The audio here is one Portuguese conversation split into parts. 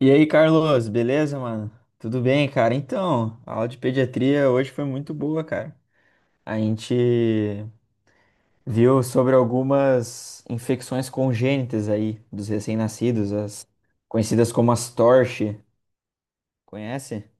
E aí, Carlos, beleza, mano? Tudo bem, cara? Então, a aula de pediatria hoje foi muito boa, cara. A gente viu sobre algumas infecções congênitas aí dos recém-nascidos, as conhecidas como as TORCH. Conhece?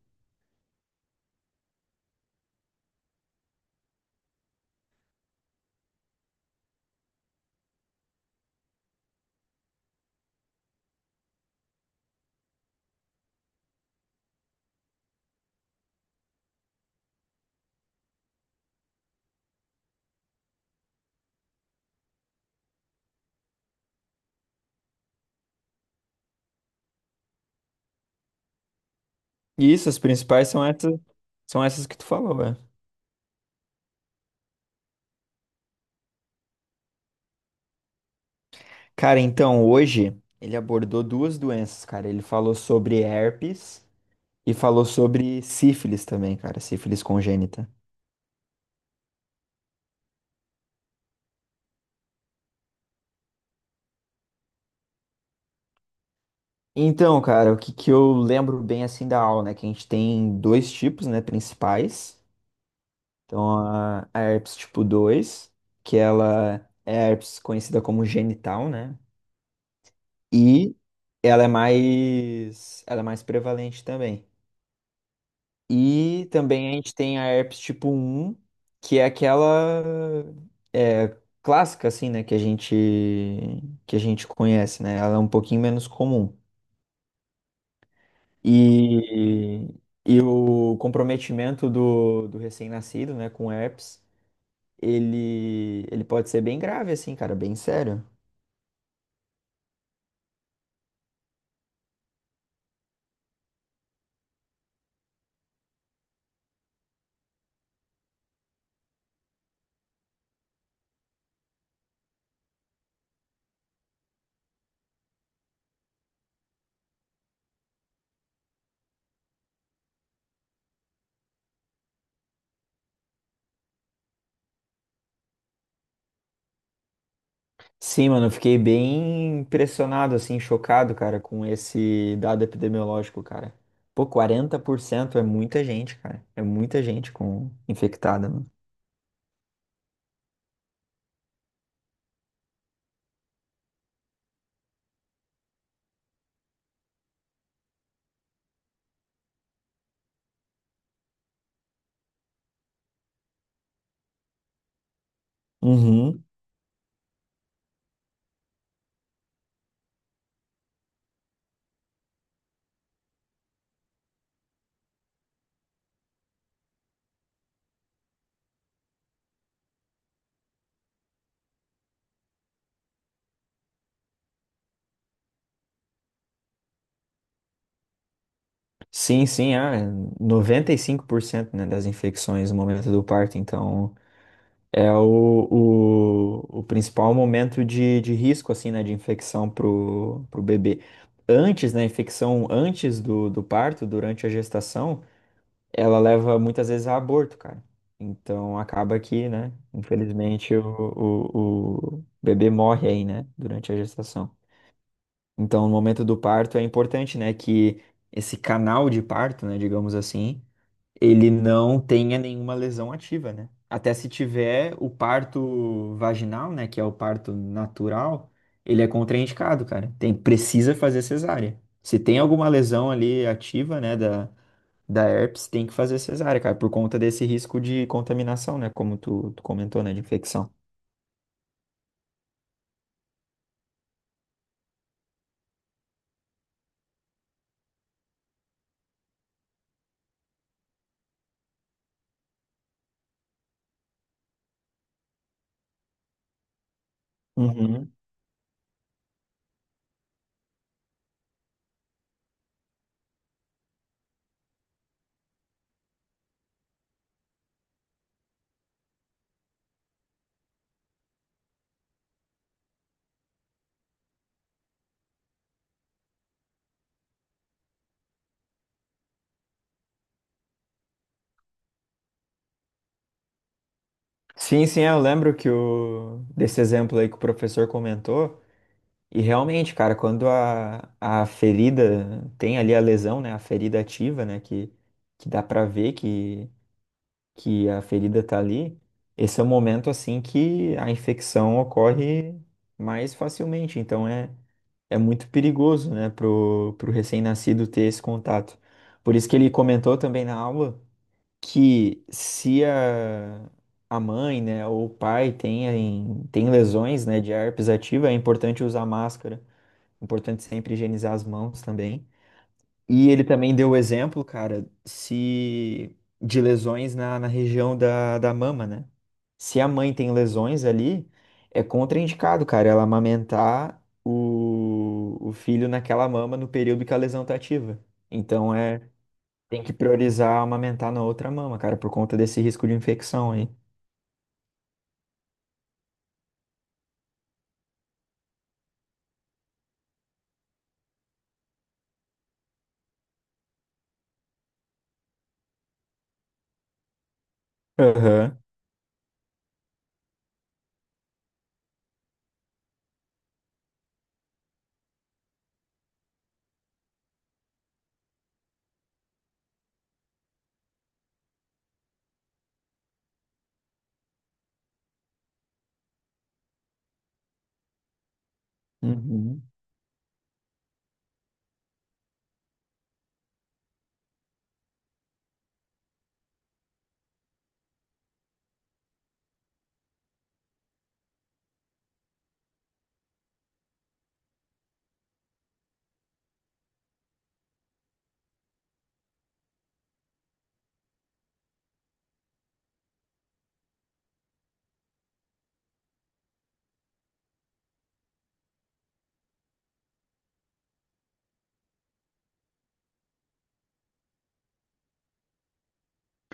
Isso, as principais são essas que tu falou, né? Cara, então hoje ele abordou duas doenças, cara. Ele falou sobre herpes e falou sobre sífilis também, cara, sífilis congênita. Então, cara, o que que eu lembro bem assim da aula, né? Que a gente tem dois tipos, né, principais. Então, a herpes tipo 2, que ela é a herpes conhecida como genital, né? E ela é mais prevalente também. E também a gente tem a herpes tipo um, que é aquela é, clássica, assim, né, que a gente conhece, né? Ela é um pouquinho menos comum. E, e o comprometimento do recém-nascido, né, com herpes, ele pode ser bem grave, assim, cara, bem sério. Sim, mano, eu fiquei bem impressionado, assim, chocado, cara, com esse dado epidemiológico, cara. Pô, 40% é muita gente, cara. É muita gente com infectada, mano. Uhum. Sim, sim, é 95%, né, das infecções no momento do parto, então. É o principal momento de risco, assim, né, de infecção pro bebê. Antes, né, infecção antes do parto, durante a gestação, ela leva muitas vezes a aborto, cara. Então acaba que, né, infelizmente o bebê morre aí, né, durante a gestação. Então no momento do parto é importante, né, que esse canal de parto, né, digamos assim, ele não tenha nenhuma lesão ativa, né? Até se tiver o parto vaginal, né, que é o parto natural, ele é contraindicado, cara. Tem, precisa fazer cesárea. Se tem alguma lesão ali ativa, né, da herpes, tem que fazer cesárea, cara, por conta desse risco de contaminação, né, como tu comentou, né, de infecção. Uhum. Sim, sim, eu lembro que o desse exemplo aí que o professor comentou. E realmente, cara, quando a ferida tem ali a lesão, né? A ferida ativa, né? Que dá pra ver que a ferida tá ali. Esse é o momento, assim, que a infecção ocorre mais facilmente. Então, é muito perigoso, né? Pro recém-nascido ter esse contato. Por isso que ele comentou também na aula que se a mãe, né? Ou o pai tem lesões, né? De herpes ativa, é importante usar máscara. Importante sempre higienizar as mãos também. E ele também deu o exemplo, cara, se de lesões na região da mama, né? Se a mãe tem lesões ali, é contraindicado, cara, ela amamentar o filho naquela mama no período que a lesão tá ativa. Então tem que priorizar amamentar na outra mama, cara, por conta desse risco de infecção aí. Aham. Uhum.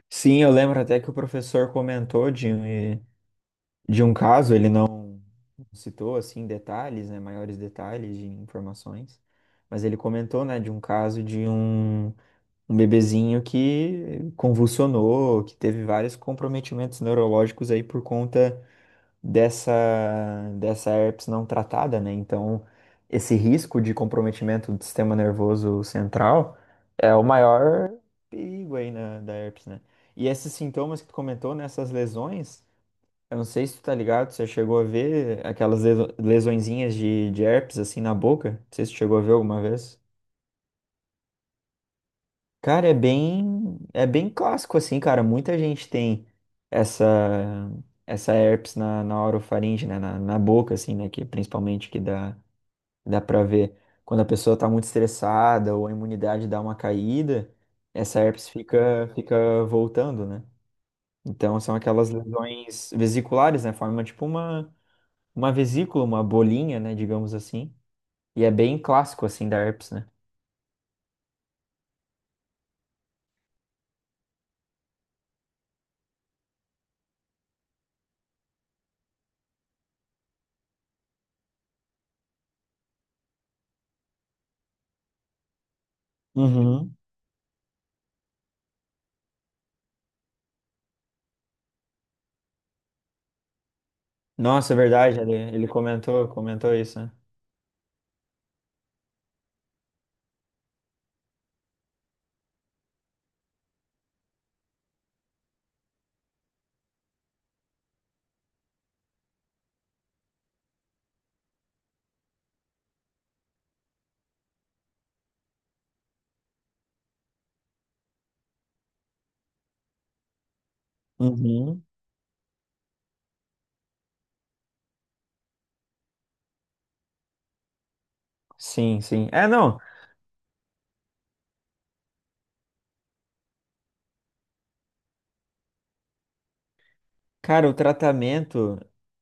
Sim, eu lembro até que o professor comentou, Dinho, de um caso, ele não citou assim detalhes, né, maiores detalhes de informações, mas ele comentou, né, de um caso de um bebezinho que convulsionou, que teve vários comprometimentos neurológicos aí por conta dessa dessa herpes não tratada, né? Então, esse risco de comprometimento do sistema nervoso central é o maior perigo aí da herpes, né? E esses sintomas que tu comentou, nessas lesões eu não sei se tu tá ligado, você chegou a ver aquelas lesõezinhas de herpes assim na boca? Não sei se tu chegou a ver alguma vez. Cara, é bem clássico assim, cara. Muita gente tem essa essa herpes na orofaringe, né, na boca assim, né, que principalmente que dá para ver quando a pessoa tá muito estressada ou a imunidade dá uma caída, essa herpes fica voltando, né? Então são aquelas lesões vesiculares, né? Forma tipo uma vesícula, uma bolinha, né, digamos assim. E é bem clássico, assim, da herpes, né? Uhum. Nossa, é verdade, ele comentou isso, né? Uhum. Sim, sim. É, não. Cara, o tratamento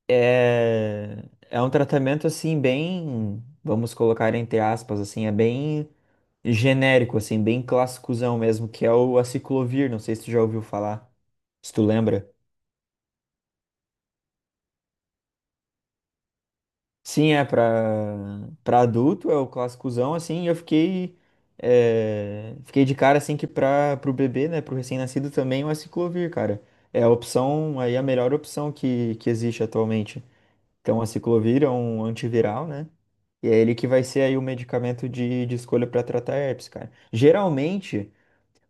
é é um tratamento assim bem, vamos colocar entre aspas assim, é bem genérico assim, bem clássicozão mesmo, que é o aciclovir, não sei se tu já ouviu falar, se tu lembra. Sim, é pra para adulto, é o clássicozão, assim, e eu fiquei de cara assim que para pro bebê, né, pro recém-nascido também é o aciclovir, cara. É a opção, aí a melhor opção que existe atualmente. Então, o aciclovir é um antiviral, né? E é ele que vai ser aí o medicamento de escolha para tratar herpes, cara. Geralmente,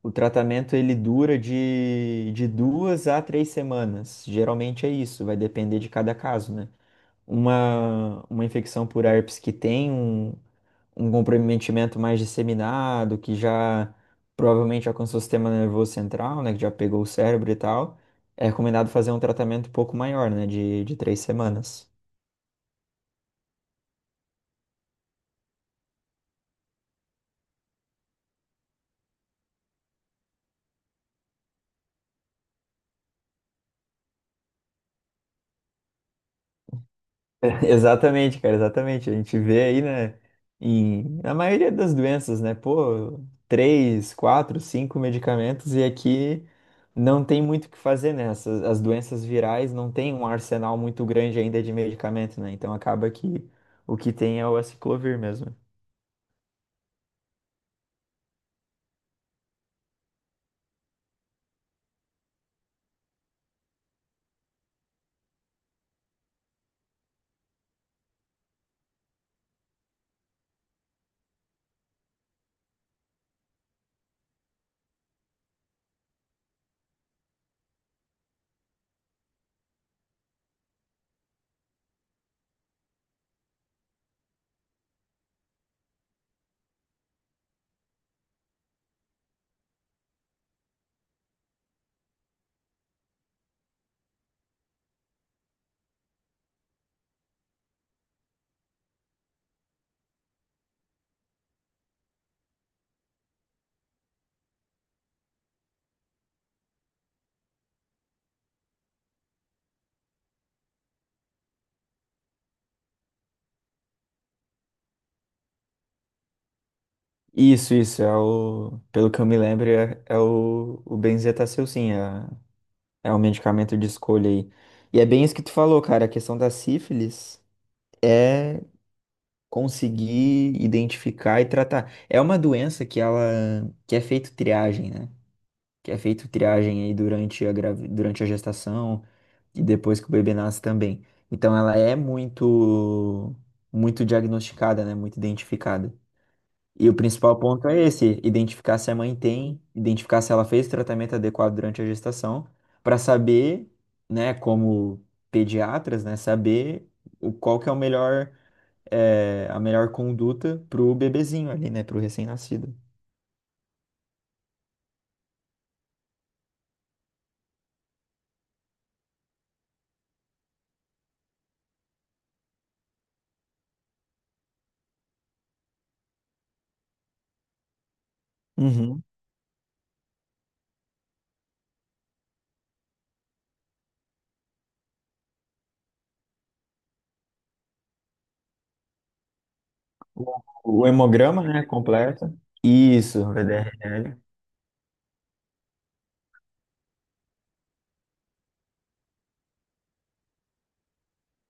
o tratamento ele dura de 2 a 3 semanas. Geralmente é isso, vai depender de cada caso, né? Uma infecção por herpes que tem um comprometimento mais disseminado, que já provavelmente alcançou o sistema nervoso central, né, que já pegou o cérebro e tal, é recomendado fazer um tratamento um pouco maior, né, de 3 semanas. Exatamente, cara, exatamente. A gente vê aí, né, na maioria das doenças, né, pô, três, quatro, cinco medicamentos e aqui não tem muito o que fazer, né? As doenças virais não tem um arsenal muito grande ainda de medicamento, né? Então acaba que o que tem é o aciclovir mesmo. Isso, Pelo que eu me lembro, é o Benzetacil, sim, é o medicamento de escolha aí. E é bem isso que tu falou, cara, a questão da sífilis. É conseguir identificar e tratar. É uma doença que ela que é feito triagem, né? Que é feito triagem aí durante a durante a gestação e depois que o bebê nasce também. Então ela é muito muito diagnosticada, né? Muito identificada. E o principal ponto é esse, identificar se a mãe tem, identificar se ela fez o tratamento adequado durante a gestação, para saber, né, como pediatras, né, saber o qual que é o melhor a melhor conduta pro bebezinho ali, né? Pro recém-nascido. Uhum. O hemograma, né, completo. Isso. VDRL.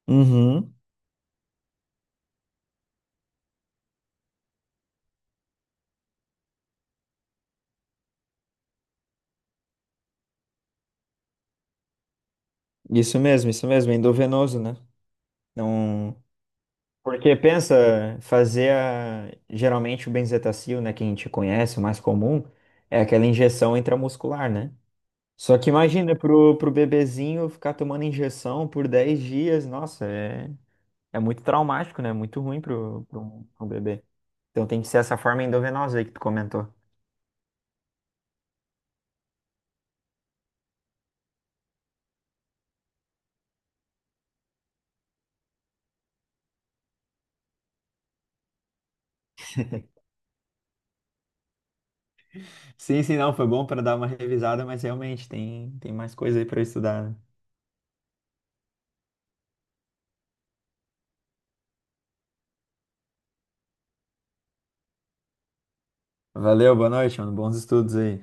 Uhum. Isso mesmo, endovenoso, né? Não. Porque pensa, geralmente o benzetacil, né, que a gente conhece, o mais comum, é aquela injeção intramuscular, né? Só que imagina pro bebezinho ficar tomando injeção por 10 dias, nossa, é muito traumático, né? Muito ruim pro bebê. Então tem que ser essa forma endovenosa aí que tu comentou. Sim, sim, não, foi bom para dar uma revisada, mas realmente tem mais coisa aí para estudar, né? Valeu, boa noite, mano. Bons estudos aí.